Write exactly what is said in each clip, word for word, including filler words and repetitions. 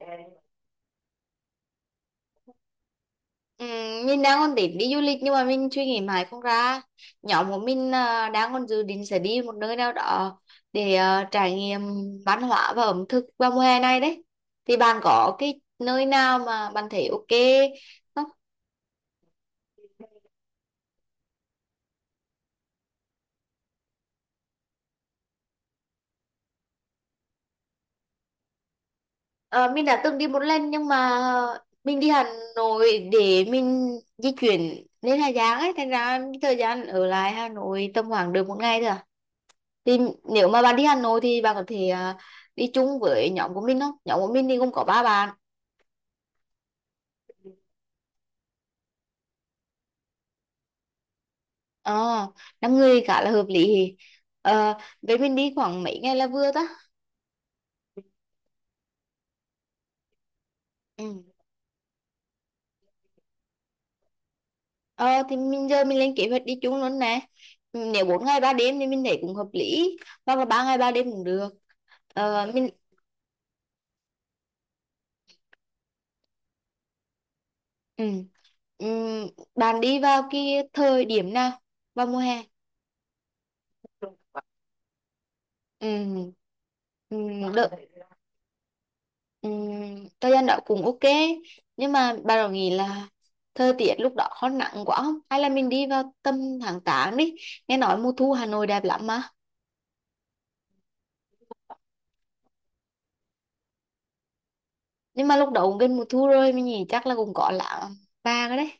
Ừ, mình đang còn tính đi du lịch nhưng mà mình suy nghĩ mãi không ra. Nhóm của mình à, đang còn dự định sẽ đi một nơi nào đó để à, trải nghiệm văn hóa và ẩm thực vào mùa hè này đấy. Thì bạn có cái nơi nào mà bạn thấy ok không? Ờ, mình đã từng đi một lần nhưng mà ờ, mình đi Hà Nội để mình di chuyển lên Hà Giang ấy, thành ra thời gian ở lại Hà Nội tầm khoảng được một ngày thôi à. Thì nếu mà bạn đi Hà Nội thì bạn có thể à, đi chung với nhóm của mình không? Nhóm của mình thì gồm có ba bạn. ờ Năm người khá là hợp lý. Ờ vậy mình đi khoảng mấy ngày là vừa ta? Ừ. ờ thì mình giờ mình lên kế hoạch đi chung luôn nè. Ừ, nếu bốn ngày ba đêm thì mình thấy cũng hợp lý, hoặc là ba ngày ba đêm cũng được. Ờ mình Ừ. Ừ. Bạn đi vào cái thời điểm nào, vào mùa hè? Ừ. Ừ. Ừm, thời gian đó cũng ok, nhưng mà bà đã nghĩ là thời tiết lúc đó có nặng quá không, hay là mình đi vào tầm tháng tám đi? Nghe nói mùa thu Hà Nội đẹp lắm mà. Nhưng mà lúc đó cũng gần mùa thu rồi, mình nghĩ chắc là cũng có là ba cái đấy.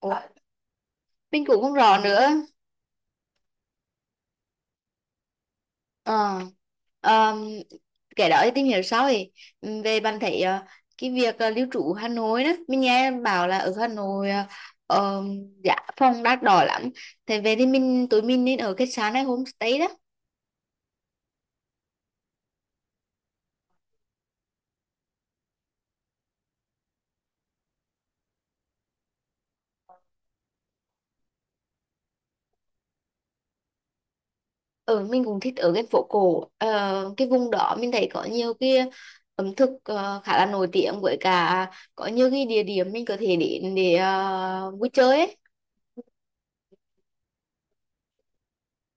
Ủa, mình cũng không rõ nữa. ờ Ờm, cái đó thì tìm hiểu sau thì. Ừm, về bạn thấy ờ, cái việc ờ, lưu trú Hà Nội đó, mình nghe bảo là ở Hà Nội ờ, ờm, giá phòng đắt đỏ lắm. Thế về thì mình tụi mình nên ở khách sạn hay homestay đó? Ừ, mình cũng thích ở cái phố cổ. Ờ, cái vùng đó mình thấy có nhiều cái ẩm thực ờ, khá là nổi tiếng, với cả có nhiều cái địa điểm mình có thể đến để ờ, vui chơi ấy.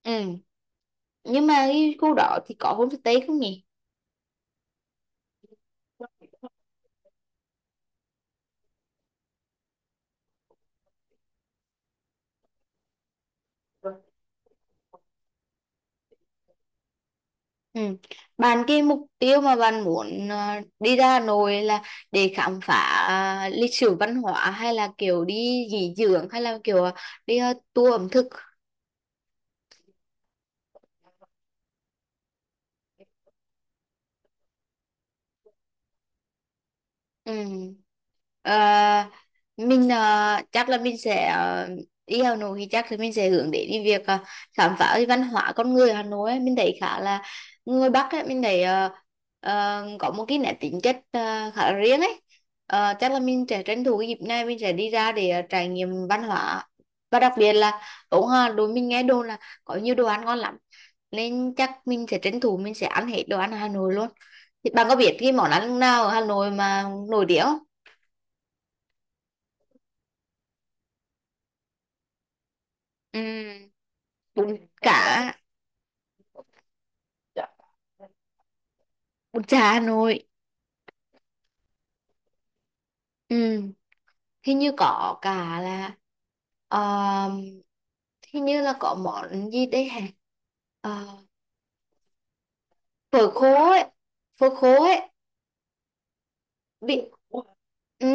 Ừ. Nhưng mà cái khu đó thì có homestay không nhỉ? Ừ. Bạn, cái mục tiêu mà bạn muốn ờ, đi ra Hà Nội là để khám phá ờ, lịch sử văn hóa, hay là kiểu đi nghỉ dưỡng, hay là kiểu ờ, đi ờ, tour ẩm thực? Ừ. Ờ, mình ờ, chắc là mình sẽ ờ, đi Hà Nội thì chắc là mình sẽ hướng đến cái việc ờ, khám phá cái văn hóa con người Hà Nội ấy. Mình thấy khá là, người Bắc ấy, mình thấy ờ, ờ, có một cái nét tính chất ờ, khá là riêng ấy. Ờ, chắc là mình sẽ tranh thủ cái dịp này mình sẽ đi ra để ờ, trải nghiệm văn hóa. Và đặc biệt là, cũng Hà đối mình nghe đồn là có nhiều đồ ăn ngon lắm, nên chắc mình sẽ tranh thủ mình sẽ ăn hết đồ ăn Hà Nội luôn. Thì bạn có biết cái món ăn nào ở Hà Nội mà nổi tiếng không? Ừ, em có cả dạ. Bún chả Hà Nội. Ừ, hình như có cả là, ờ, hình như là có món gì đấy hả? Ờ, Phở khô ấy, phở khô ấy. Bị Ủa, ừ.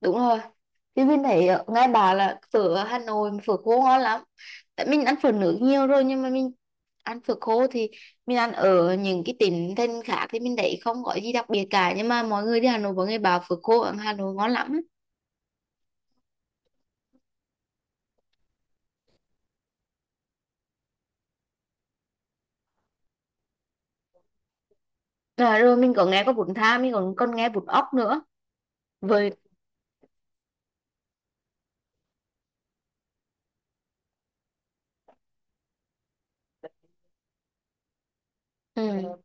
Đúng rồi, chứ bên thấy ở ngay bà là phở ở Hà Nội phở khô ngon lắm. Tại mình ăn phở nước nhiều rồi, nhưng mà mình ăn phở khô thì mình ăn ở những cái tỉnh thành khác thì mình thấy không có gì đặc biệt cả, nhưng mà mọi người đi Hà Nội mọi người bảo phở khô ở Hà Nội ngon lắm. Rồi, rồi mình có nghe có bún thang, mình còn còn nghe bún ốc nữa. Với ừ.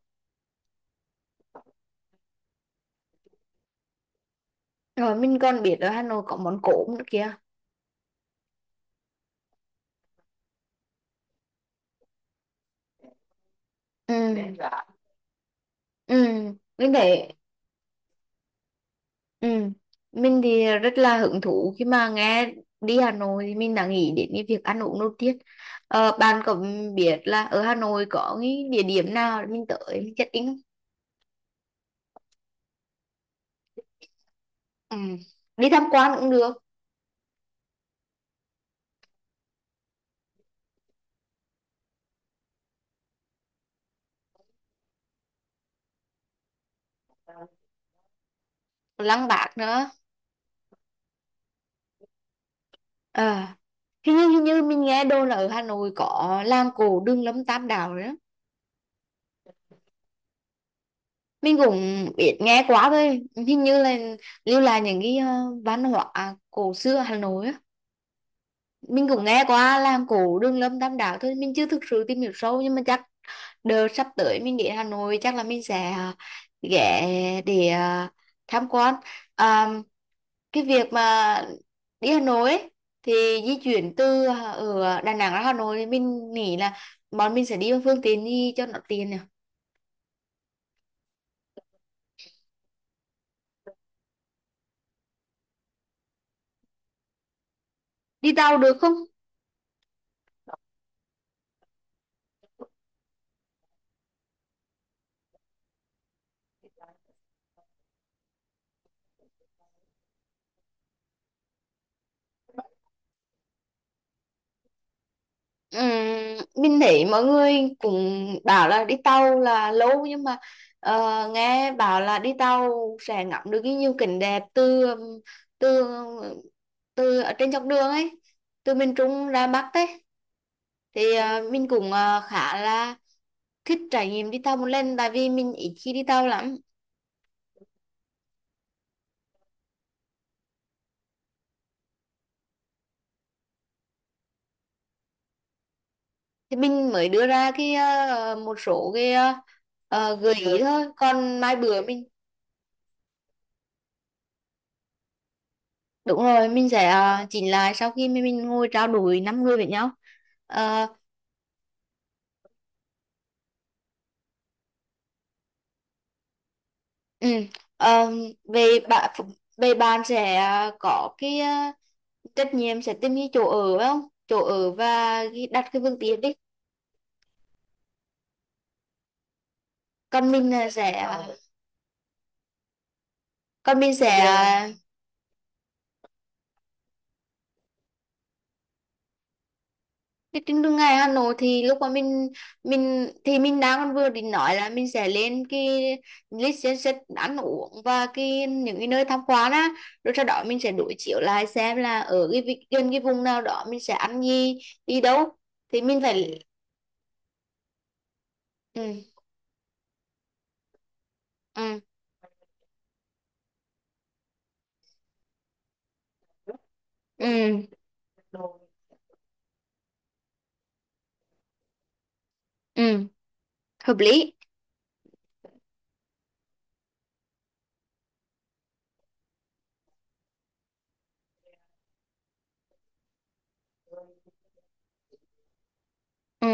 Rồi mình còn biết ở Hà Nội có món cốm nữa kìa. Ừ. Ừ. Mình thấy. Ừ. Mình thì rất là hứng thú, khi mà nghe đi Hà Nội thì mình đã nghĩ đến cái việc ăn uống đầu tiên. Ờ, bạn có biết là ở Hà Nội có cái địa điểm nào để mình tới mình check in không? Ừ. Đi tham quan cũng được. Lăng Bác nữa. Ờ. Hình như, hình như mình nghe đồn là ở Hà Nội có làng cổ Đường Lâm Tam Đảo nữa. Mình cũng biết nghe quá thôi. Hình như là lưu lại những cái ờ, văn hóa cổ xưa Hà Nội á. Mình cũng nghe qua làng cổ Đường Lâm Tam Đảo thôi, mình chưa thực sự tìm hiểu sâu, nhưng mà chắc đợt sắp tới mình đến Hà Nội chắc là mình sẽ à, ghé để à, tham quan. à, cái việc mà đi Hà Nội ấy, thì di chuyển từ à, ở Đà Nẵng ra Hà Nội thì mình nghĩ là bọn mình sẽ đi bằng phương tiện đi cho nó tiền nè. Đi tàu được không? Ừm, mình thấy mọi người cũng bảo là đi tàu là lâu, nhưng mà ờ, nghe bảo là đi tàu sẽ ngắm được cái nhiều cảnh đẹp từ ừm, từ từ ở trên dọc đường ấy, từ miền Trung ra Bắc ấy. Thì ờ, mình cũng ờ, khá là thích trải nghiệm đi tàu một lần, tại vì mình ít khi đi tàu lắm. Thì mình mới đưa ra cái ờ, một số cái ờ, ờ, gợi ý thôi, còn mai bữa mình. Đúng rồi, mình sẽ ờ, chỉnh lại sau khi mình, mình ngồi trao đổi năm người với nhau. Ờ, ừ, ờ, về bạn về bạn sẽ ờ, có cái ờ, trách nhiệm sẽ tìm cái chỗ ở phải không? Chỗ ở và cái- đặt cái phương tiện đi. Còn mình là sẽ ờ, còn mình sẽ. Cái trên đường ngày Hà Nội thì lúc mà mình mình thì mình đang còn vừa định nói là mình sẽ lên cái list danh sách ăn uống và cái những cái nơi tham quan á, rồi sau đó mình sẽ đối chiếu lại xem là ở cái vị- gần cái vùng nào đó mình sẽ ăn gì, đi đâu. Thì mình phải. Ừ. Ừ. Ừ. Ừ hợp lý. Ừ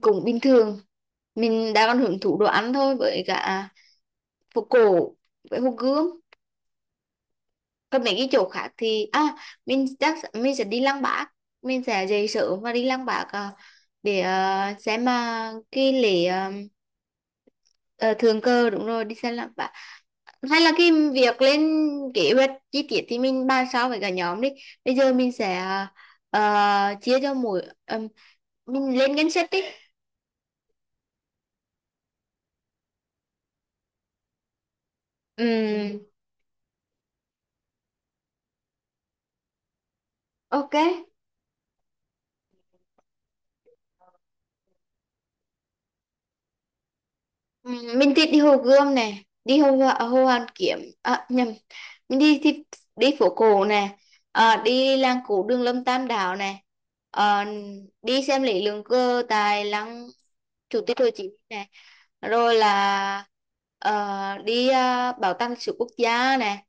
cũng bình thường. Mình đang còn hưởng thụ đồ ăn thôi, với cả phố cổ với hồ Gươm. Còn mấy cái chỗ khác thì à, mình chắc mình sẽ đi Lăng Bác. Mình sẽ dậy sớm và đi Lăng Bác à, để à, xem mà cái lễ à, ờ, thượng cờ, đúng rồi, đi xem Lăng Bác. Hay là cái việc lên kế hoạch chi tiết thì mình bàn sau với cả nhóm đi. Bây giờ mình sẽ à, ờ, chia cho mỗi ừm, mình lên ngân sách đi. Ừm, ok. Ừ, mình thì đi Hồ Gươm này, đi Hồ Ho- Hồ Hoàn Kiếm à, nhầm, mình đi thì đi phố cổ này, à, đi làng cổ Đường Lâm Tam Đảo này. Ờ, đi xem lễ lượng cơ tại lăng Chủ tịch Hồ Chí Minh này, rồi là ờ, đi ờ, bảo tàng lịch sử quốc gia này.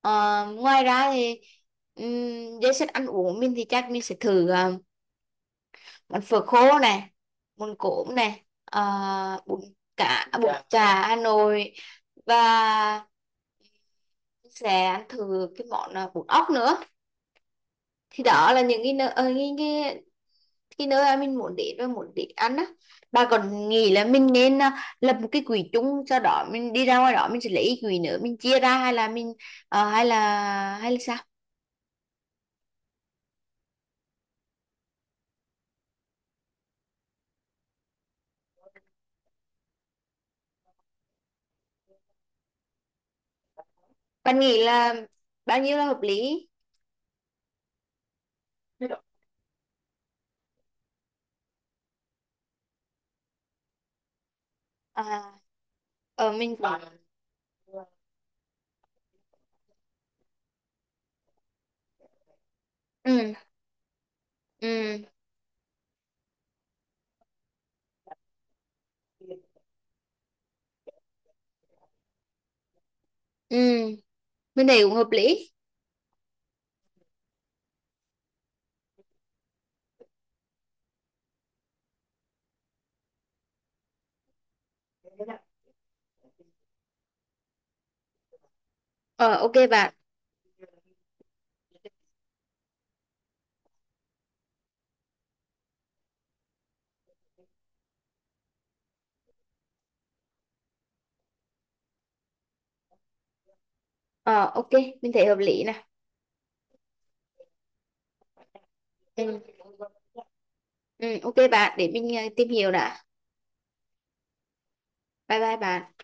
Ờ, ngoài ra thì um, danh sách ăn uống mình thì chắc mình sẽ thử ờ, món phở khô này, món cốm này, à, bún cá, à, bún chả Hà Nội, và sẽ ăn thử cái món à, bún ốc nữa. Thì đó là những cái nơi ờ, cái, cái, cái nơi mà mình muốn đến và muốn đến ăn á. Bà còn nghĩ là mình nên à, lập một cái quỹ chung, sau đó mình đi ra ngoài đó mình sẽ lấy quỹ nữa mình chia ra, hay là mình ờ, hay là hay là sao? Bạn nghĩ là bao nhiêu là hợp lý? à, ờ mình cũng- ừ ừ ừ. Mình thấy cũng hợp lý. Ờ ok bạn. Ờ ok, mình thấy hợp lý nè. Ừ ok bạn, để mình ờ, tìm hiểu đã. Bye bye bạn.